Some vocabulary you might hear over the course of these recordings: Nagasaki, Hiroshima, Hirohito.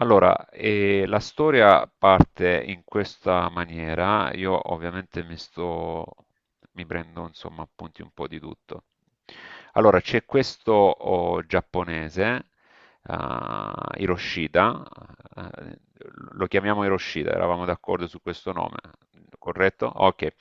Allora, la storia parte in questa maniera. Io ovviamente mi sto, mi prendo insomma appunti un po' di tutto. Allora, c'è questo giapponese, Hiroshita, eh, lo chiamiamo Hiroshita, eravamo d'accordo su questo nome, corretto? Ok,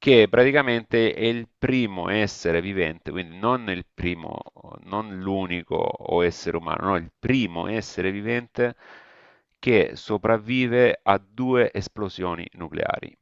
che praticamente è il primo essere vivente, quindi non il primo, non l'unico o essere umano, no, il primo essere vivente che sopravvive a due esplosioni nucleari.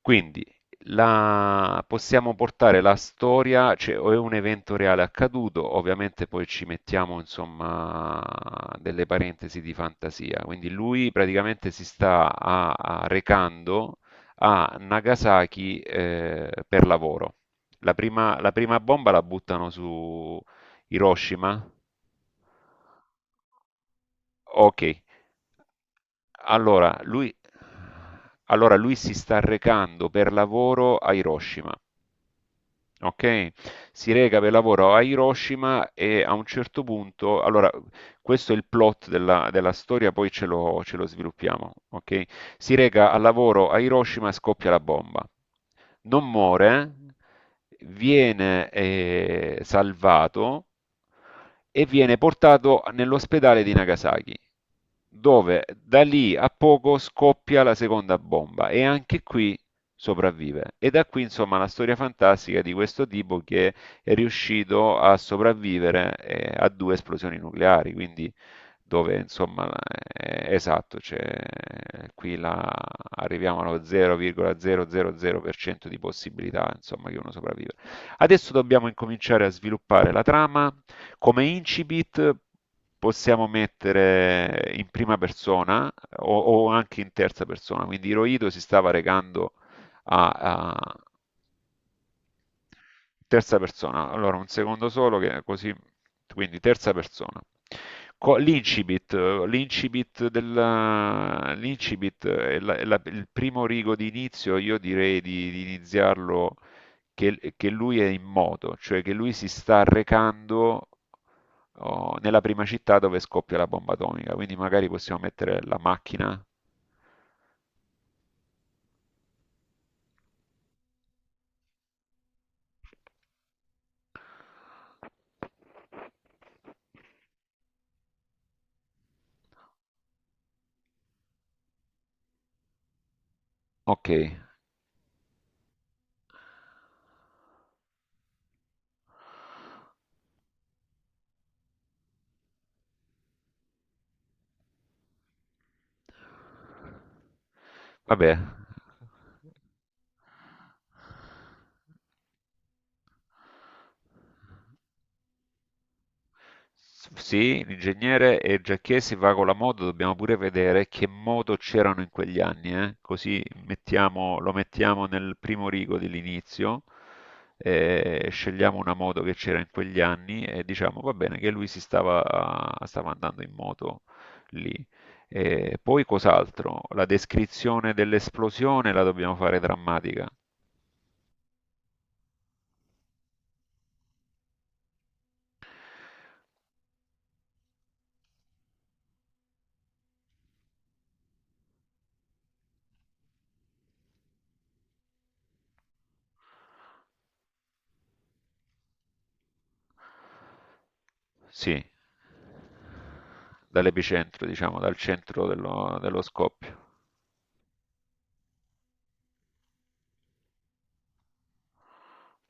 Quindi possiamo portare la storia, cioè o è un evento reale accaduto, ovviamente poi ci mettiamo insomma delle parentesi di fantasia, quindi lui praticamente si sta a recando a Nagasaki per lavoro. La prima bomba la buttano su Hiroshima. Ok, allora lui, allora lui si sta recando per lavoro a Hiroshima. Ok? Si reca per lavoro a Hiroshima e a un certo punto, allora, questo è il plot della storia, poi ce lo sviluppiamo, ok? Si reca al lavoro a Hiroshima e scoppia la bomba. Non muore, viene salvato e viene portato nell'ospedale di Nagasaki, dove da lì a poco scoppia la seconda bomba. E anche qui sopravvive. E da qui, insomma, la storia fantastica di questo tipo che è riuscito a sopravvivere a due esplosioni nucleari, quindi dove, insomma, esatto, cioè, qui la- arriviamo allo 0,000% di possibilità, insomma, che uno sopravvive. Adesso dobbiamo incominciare a sviluppare la trama. Come incipit possiamo mettere in prima persona o anche in terza persona. Quindi Hirohito si stava recando a terza persona. Allora, un secondo solo che così, quindi terza persona. L'incipit, l'incipit, l'incipit è il primo rigo di inizio, io direi di iniziarlo che lui è in moto, cioè che lui si sta recando oh, nella prima città dove scoppia la bomba atomica, quindi magari possiamo mettere la macchina. Ok, vabbè, sì, l'ingegnere e Giacchesi va con la moto, dobbiamo pure vedere che moto c'erano in quegli anni, eh? Così lo mettiamo nel primo rigo dell'inizio, scegliamo una moto che c'era in quegli anni e diciamo va bene che lui stava andando in moto lì. E poi cos'altro? La descrizione dell'esplosione la dobbiamo fare drammatica, sì, dall'epicentro, diciamo, dal centro dello scoppio.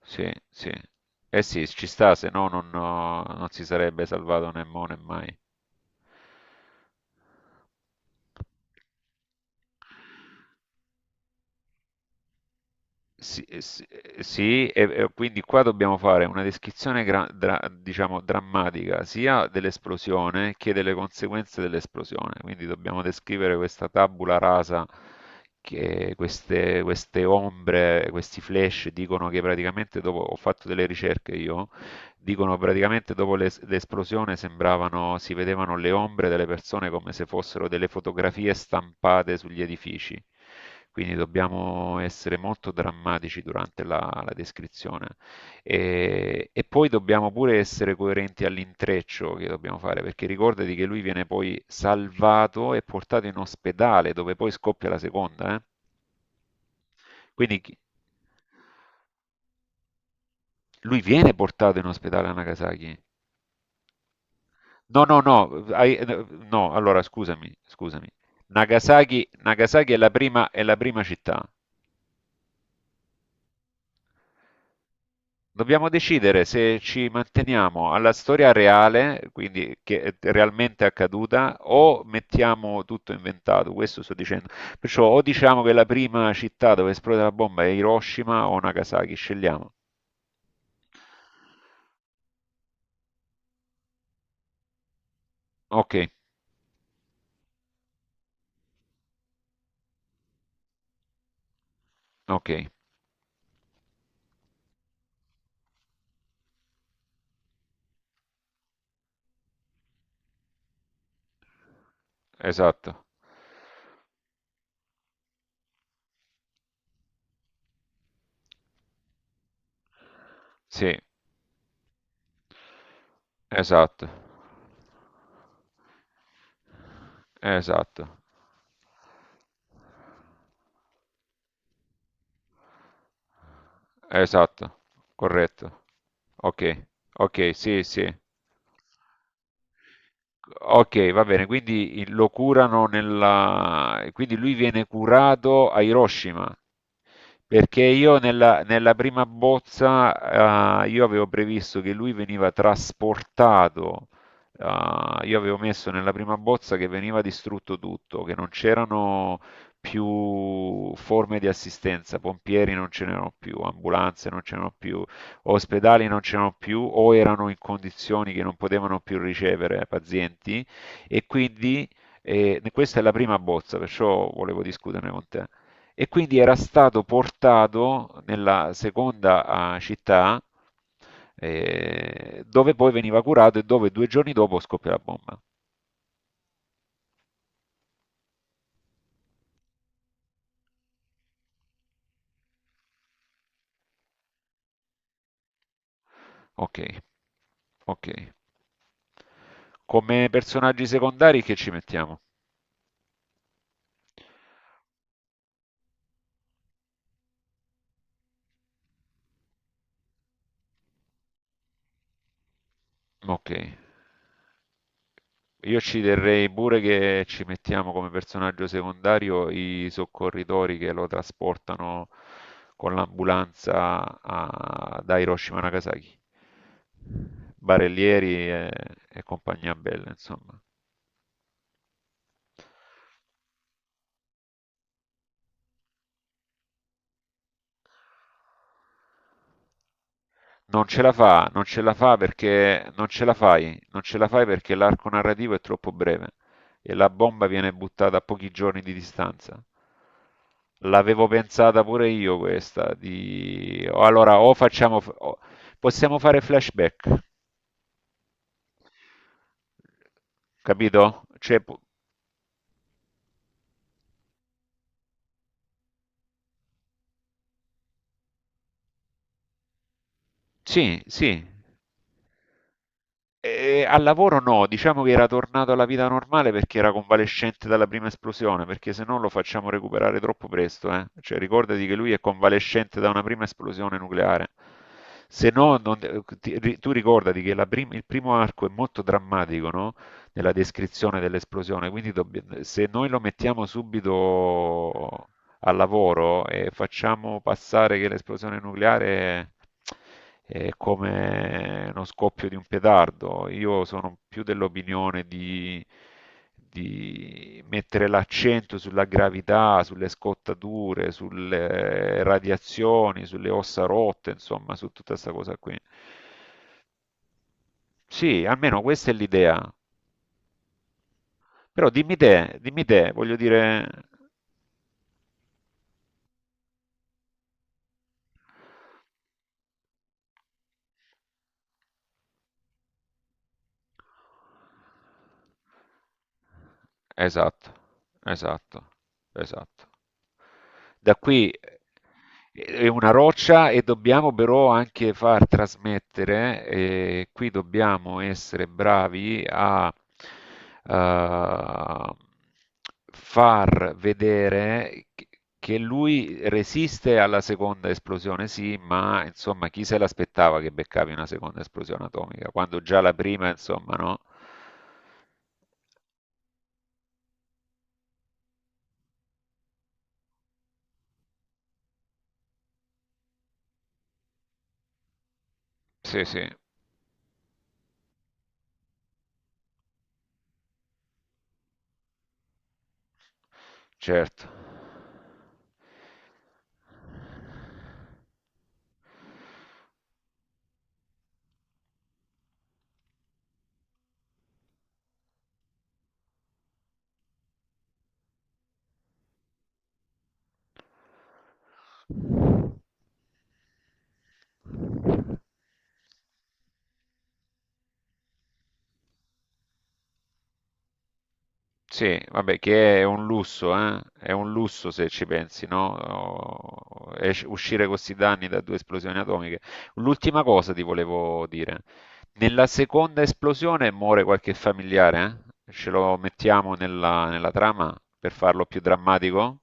Sì, sì. Eh sì, ci sta, se no non si sarebbe salvato né mo né mai. Sì, sì, sì, e quindi qua dobbiamo fare una descrizione diciamo drammatica sia dell'esplosione che delle conseguenze dell'esplosione. Quindi dobbiamo descrivere questa tabula rasa che queste ombre, questi flash dicono che praticamente dopo ho fatto delle ricerche io. Dicono praticamente dopo l'esplosione sembravano, si vedevano le ombre delle persone come se fossero delle fotografie stampate sugli edifici. Quindi dobbiamo essere molto drammatici durante la descrizione. E poi dobbiamo pure essere coerenti all'intreccio che dobbiamo fare, perché ricordati che lui viene poi salvato e portato in ospedale, dove poi scoppia la seconda, eh. Quindi chi- lui viene portato in ospedale a Nagasaki. No, no, no, hai- no, allora scusami, scusami. Nagasaki è è la prima città. Dobbiamo decidere se ci manteniamo alla storia reale, quindi che è realmente accaduta, o mettiamo tutto inventato. Questo sto dicendo. Perciò o diciamo che la prima città dove esplode la bomba è Hiroshima o Nagasaki, scegliamo. Ok, ok, esatto. Sì, esatto, esatto. Esatto, corretto. Ok, ok, sì, sì. Ok, va bene, quindi lo curano nella quindi lui viene curato a Hiroshima, perché io nella, nella prima bozza io avevo previsto che lui veniva trasportato, io avevo messo nella prima bozza che veniva distrutto tutto, che non c'erano più forme di assistenza, pompieri non ce n'erano più, ambulanze non ce n'erano più, ospedali non c'erano più o erano in condizioni che non potevano più ricevere pazienti e quindi questa è la prima bozza, perciò volevo discuterne con te. E quindi era stato portato nella seconda città dove poi veniva curato e dove due giorni dopo scoppia la bomba. Ok, ok. Come personaggi secondari che ci mettiamo? Ok. Io ci terrei pure che ci mettiamo come personaggio secondario i soccorritori che lo trasportano con l'ambulanza da Hiroshima a Nagasaki. Barellieri e compagnia bella, insomma. Non ce la fa perché non ce la fai perché l'arco narrativo è troppo breve e la bomba viene buttata a pochi giorni di distanza. L'avevo pensata pure io questa, di o allora possiamo fare flashback, capito? Cioè, sì, sì. Al lavoro no, diciamo che era tornato alla vita normale perché era convalescente dalla prima esplosione, perché se no lo facciamo recuperare troppo presto, eh. Cioè, ricordati che lui è convalescente da una prima esplosione nucleare. Se no, tu ricordati che il primo arco è molto drammatico, no? Nella descrizione dell'esplosione, quindi se noi lo mettiamo subito al lavoro e facciamo passare che l'esplosione nucleare è come uno scoppio di un petardo. Io sono più dell'opinione di mettere l'accento sulla gravità, sulle scottature, sulle radiazioni, sulle ossa rotte, insomma, su tutta questa cosa qui. Sì, almeno questa è l'idea. Però dimmi te, voglio dire. Esatto, esatto, esatto. Da qui è una roccia e dobbiamo però anche far trasmettere, e qui dobbiamo essere bravi a eh, far vedere che lui resiste alla seconda esplosione, sì, ma insomma chi se l'aspettava che beccavi una seconda esplosione atomica? Quando già la prima, insomma, no? Sì, sì, certo. Sì, vabbè, che è un lusso, eh? È un lusso se ci pensi, no? Oh, uscire con questi danni da due esplosioni atomiche. L'ultima cosa ti volevo dire. Nella seconda esplosione muore qualche familiare, eh? Ce lo mettiamo nella, nella trama per farlo più drammatico?